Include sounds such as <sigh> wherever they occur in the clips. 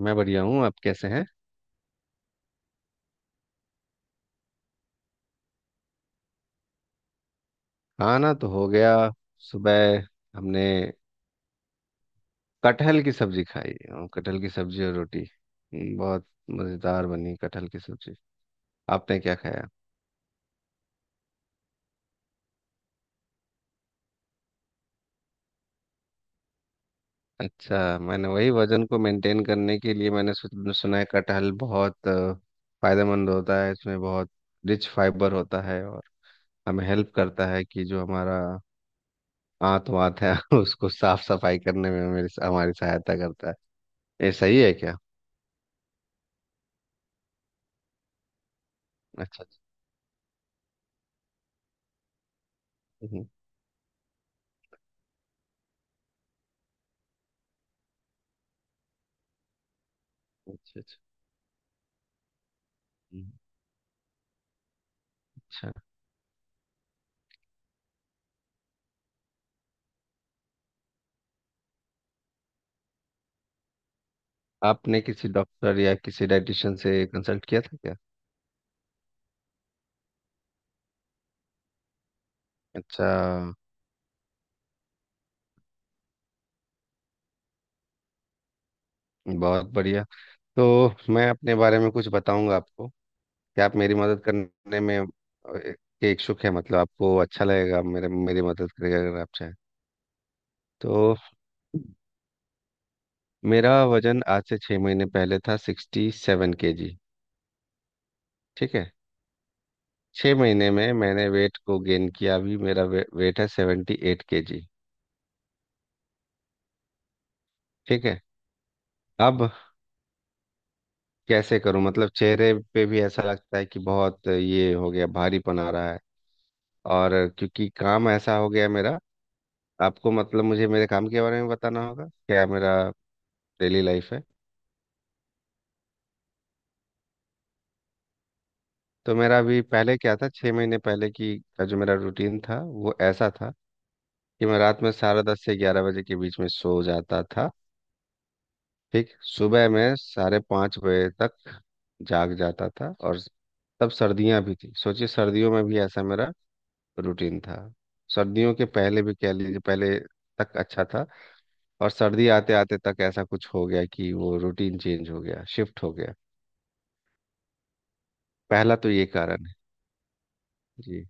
मैं बढ़िया हूँ। आप कैसे हैं? खाना तो हो गया। सुबह हमने कटहल की सब्जी खाई, और कटहल की सब्जी और रोटी। बहुत मज़ेदार बनी कटहल की सब्जी। आपने क्या खाया? अच्छा, मैंने वही वजन को मेंटेन करने के लिए मैंने सुना है कटहल बहुत फायदेमंद होता है। इसमें बहुत रिच फाइबर होता है, और हमें हेल्प करता है कि जो हमारा आंत वात है <laughs> उसको साफ सफाई करने में मेरी हमारी सहायता करता है। ये सही है क्या? अच्छा अच्छा। हम्म, अच्छा अच्छा। हम्म। अच्छा। आपने किसी डॉक्टर या किसी डाइटिशियन से कंसल्ट किया था क्या? अच्छा। बहुत बढ़िया। तो मैं अपने बारे में कुछ बताऊंगा आपको। क्या आप मेरी मदद करने में के इच्छुक है? मतलब आपको अच्छा लगेगा मेरे मेरी मदद करेगा अगर आप चाहें। तो मेरा वजन आज से 6 महीने पहले था 67 kg। ठीक है? 6 महीने में मैंने वेट को गेन किया, अभी मेरा वेट है 78 kg। ठीक है। अब कैसे करूं? मतलब चेहरे पे भी ऐसा लगता है कि बहुत ये हो गया, भारीपन आ रहा है। और क्योंकि काम ऐसा हो गया मेरा, आपको मतलब मुझे मेरे काम के बारे में बताना होगा क्या मेरा डेली लाइफ है। तो मेरा अभी पहले क्या था, 6 महीने पहले की का जो मेरा रूटीन था, वो ऐसा था कि मैं रात में 10:30 से 11 बजे के बीच में सो जाता था। ठीक। सुबह में 5:30 बजे तक जाग जाता था। और तब सर्दियां भी थी, सोचिए सर्दियों में भी ऐसा मेरा रूटीन था। सर्दियों के पहले भी कह लीजिए, पहले तक अच्छा था। और सर्दी आते आते तक ऐसा कुछ हो गया कि वो रूटीन चेंज हो गया, शिफ्ट हो गया। पहला तो ये कारण है। जी।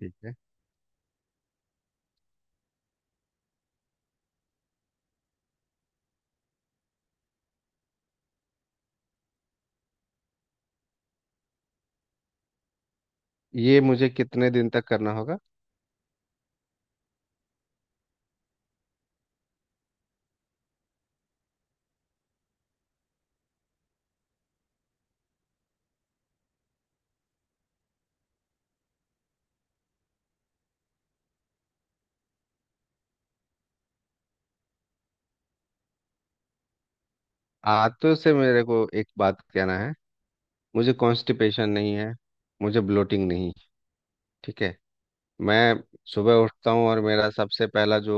ठीक है। ये मुझे कितने दिन तक करना होगा? आंतों से मेरे को एक बात कहना है, मुझे कॉन्स्टिपेशन नहीं है, मुझे ब्लोटिंग नहीं। ठीक है। मैं सुबह उठता हूँ और मेरा सबसे पहला जो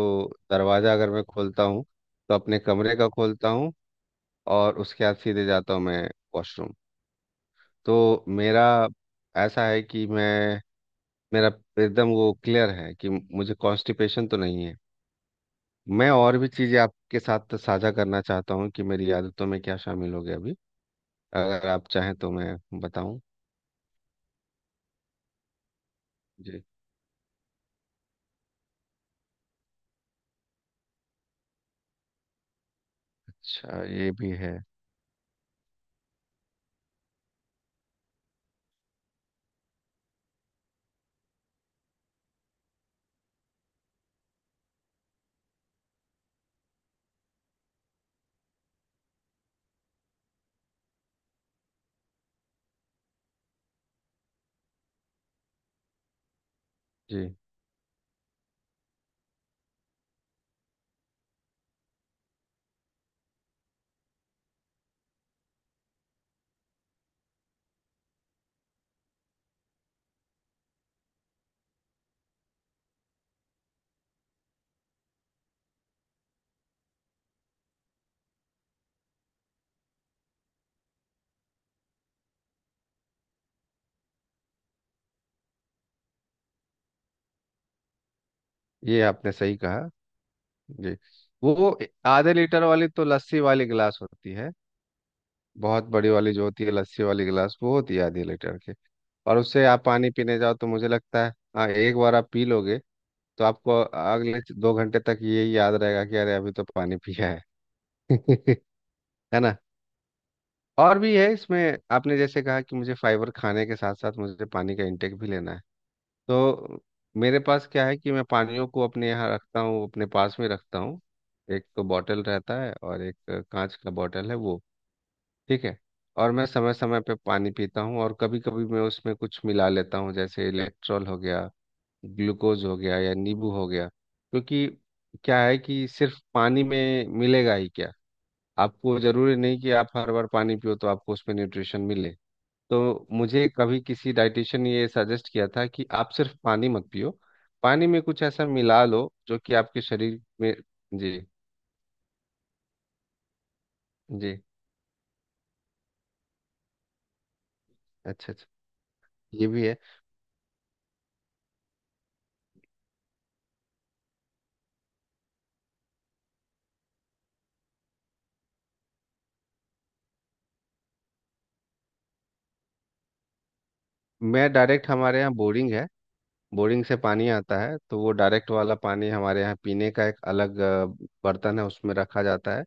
दरवाज़ा अगर मैं खोलता हूँ तो अपने कमरे का खोलता हूँ, और उसके बाद सीधे जाता हूँ मैं वॉशरूम। तो मेरा ऐसा है कि मैं, मेरा एकदम वो क्लियर है कि मुझे कॉन्स्टिपेशन तो नहीं है। मैं और भी चीज़ें आपके साथ साझा करना चाहता हूँ कि मेरी आदतों में क्या शामिल हो गया अभी। अगर आप चाहें तो मैं बताऊं। जी। अच्छा, ये भी है। जी। ये आपने सही कहा। जी। वो आधे लीटर वाली तो लस्सी वाली गिलास होती है। बहुत बड़ी वाली जो होती है लस्सी वाली गिलास, वो होती है आधे लीटर की। और उससे आप पानी पीने जाओ तो मुझे लगता है, हाँ एक बार आप पी लोगे तो आपको अगले 2 घंटे तक ये याद रहेगा कि अरे अभी तो पानी पिया है। <laughs> है ना? और भी है इसमें। आपने जैसे कहा कि मुझे फाइबर खाने के साथ साथ मुझे पानी का इंटेक भी लेना है। तो मेरे पास क्या है कि मैं पानियों को अपने यहाँ रखता हूँ, अपने पास में रखता हूँ। एक तो बॉटल रहता है और एक कांच का बॉटल है, वो। ठीक है। और मैं समय समय पे पानी पीता हूँ, और कभी कभी मैं उसमें कुछ मिला लेता हूँ, जैसे इलेक्ट्रॉल हो गया, ग्लूकोज हो गया या नींबू हो गया। क्योंकि क्या है कि सिर्फ पानी में मिलेगा ही क्या? आपको जरूरी नहीं कि आप हर बार पानी पियो तो आपको उसमें न्यूट्रिशन मिले। तो मुझे कभी किसी डाइटिशियन ने ये सजेस्ट किया था कि आप सिर्फ पानी मत पियो, पानी में कुछ ऐसा मिला लो जो कि आपके शरीर में। जी। जी। अच्छा अच्छा। ये भी है। मैं डायरेक्ट, हमारे यहाँ बोरिंग है। बोरिंग से पानी आता है, तो वो डायरेक्ट वाला पानी हमारे यहाँ पीने का एक अलग बर्तन है, उसमें रखा जाता है।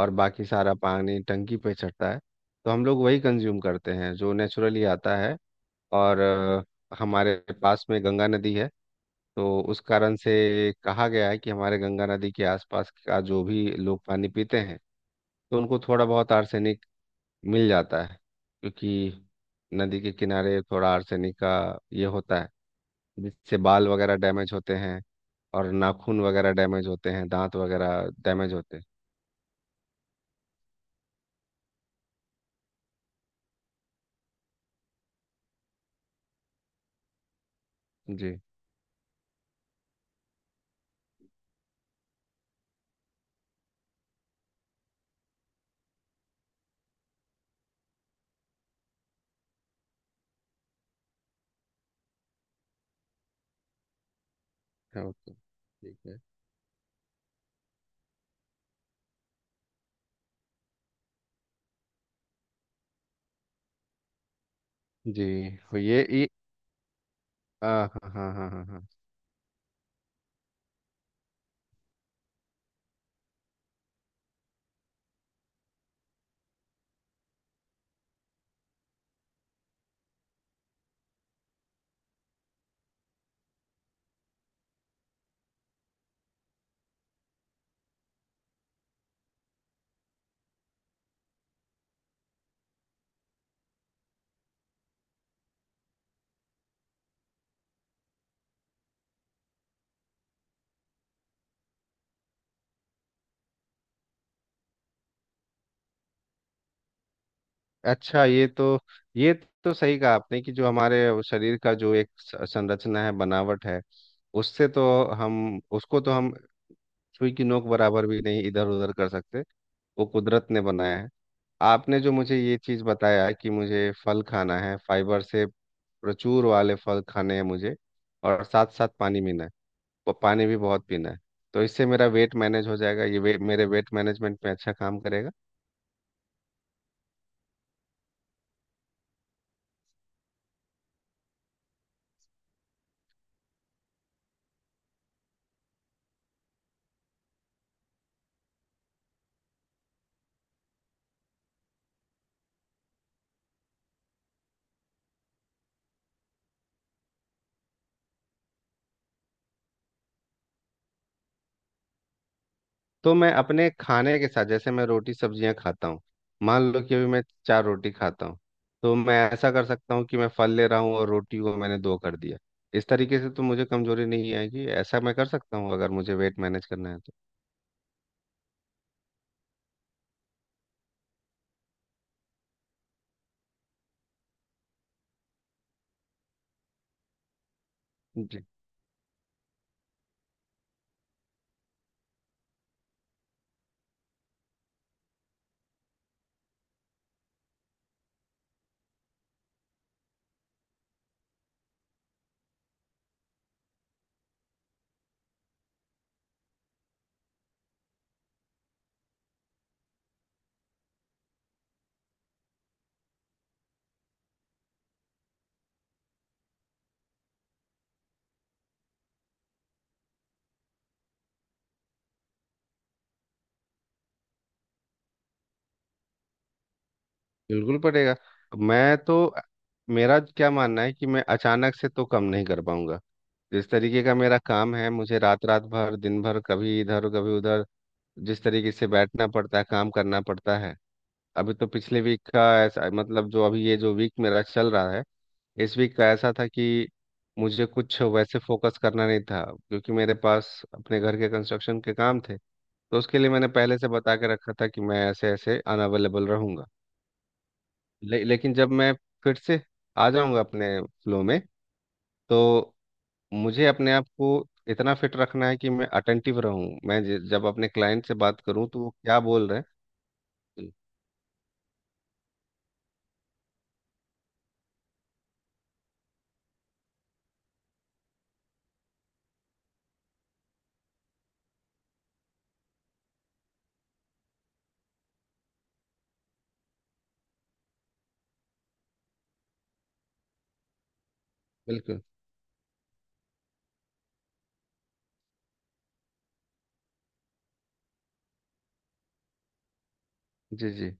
और बाकी सारा पानी टंकी पे चढ़ता है। तो हम लोग वही कंज्यूम करते हैं जो नेचुरली आता है। और हमारे पास में गंगा नदी है। तो उस कारण से कहा गया है कि हमारे गंगा नदी के आसपास का जो भी लोग पानी पीते हैं, तो उनको थोड़ा बहुत आर्सेनिक मिल जाता है। क्योंकि नदी के किनारे थोड़ा आर्सेनिक का ये होता है, जिससे बाल वगैरह डैमेज होते हैं, और नाखून वगैरह डैमेज होते हैं, दांत वगैरह डैमेज होते हैं। जी। हाँ, ओके ठीक है। जी। हो ये, हाँ। हाँ हाँ हाँ हाँ हाँ अच्छा, ये तो सही कहा आपने कि जो हमारे वो शरीर का जो एक संरचना है, बनावट है, उससे तो हम उसको तो हम सुई की नोक बराबर भी नहीं इधर उधर कर सकते। वो कुदरत ने बनाया है। आपने जो मुझे ये चीज़ बताया कि मुझे फल खाना है, फाइबर से प्रचुर वाले फल खाने हैं मुझे, और साथ साथ पानी पीना है, वो पानी भी बहुत पीना है, तो इससे मेरा वेट मैनेज हो जाएगा। ये मेरे वेट मैनेजमेंट में अच्छा काम करेगा। तो मैं अपने खाने के साथ, जैसे मैं रोटी सब्जियां खाता हूँ, मान लो कि अभी मैं चार रोटी खाता हूँ, तो मैं ऐसा कर सकता हूँ कि मैं फल ले रहा हूँ और रोटी को मैंने दो कर दिया। इस तरीके से तो मुझे कमजोरी नहीं आएगी। ऐसा मैं कर सकता हूँ, अगर मुझे वेट मैनेज करना है तो। जी। बिल्कुल पड़ेगा। मैं तो, मेरा क्या मानना है कि मैं अचानक से तो कम नहीं कर पाऊंगा। जिस तरीके का मेरा काम है, मुझे रात रात भर दिन भर कभी इधर कभी उधर, जिस तरीके से बैठना पड़ता है, काम करना पड़ता है। अभी तो पिछले वीक का ऐसा, मतलब जो अभी ये जो वीक मेरा चल रहा है, इस वीक का ऐसा था कि मुझे कुछ वैसे फोकस करना नहीं था, क्योंकि मेरे पास अपने घर के कंस्ट्रक्शन के काम थे। तो उसके लिए मैंने पहले से बता के रखा था कि मैं ऐसे ऐसे अनअवेलेबल रहूंगा। लेकिन जब मैं फिर से आ जाऊंगा अपने फ्लो में, तो मुझे अपने आप को इतना फिट रखना है कि मैं अटेंटिव रहूं। मैं जब अपने क्लाइंट से बात करूं तो वो क्या बोल रहे हैं। बिल्कुल। जी जी।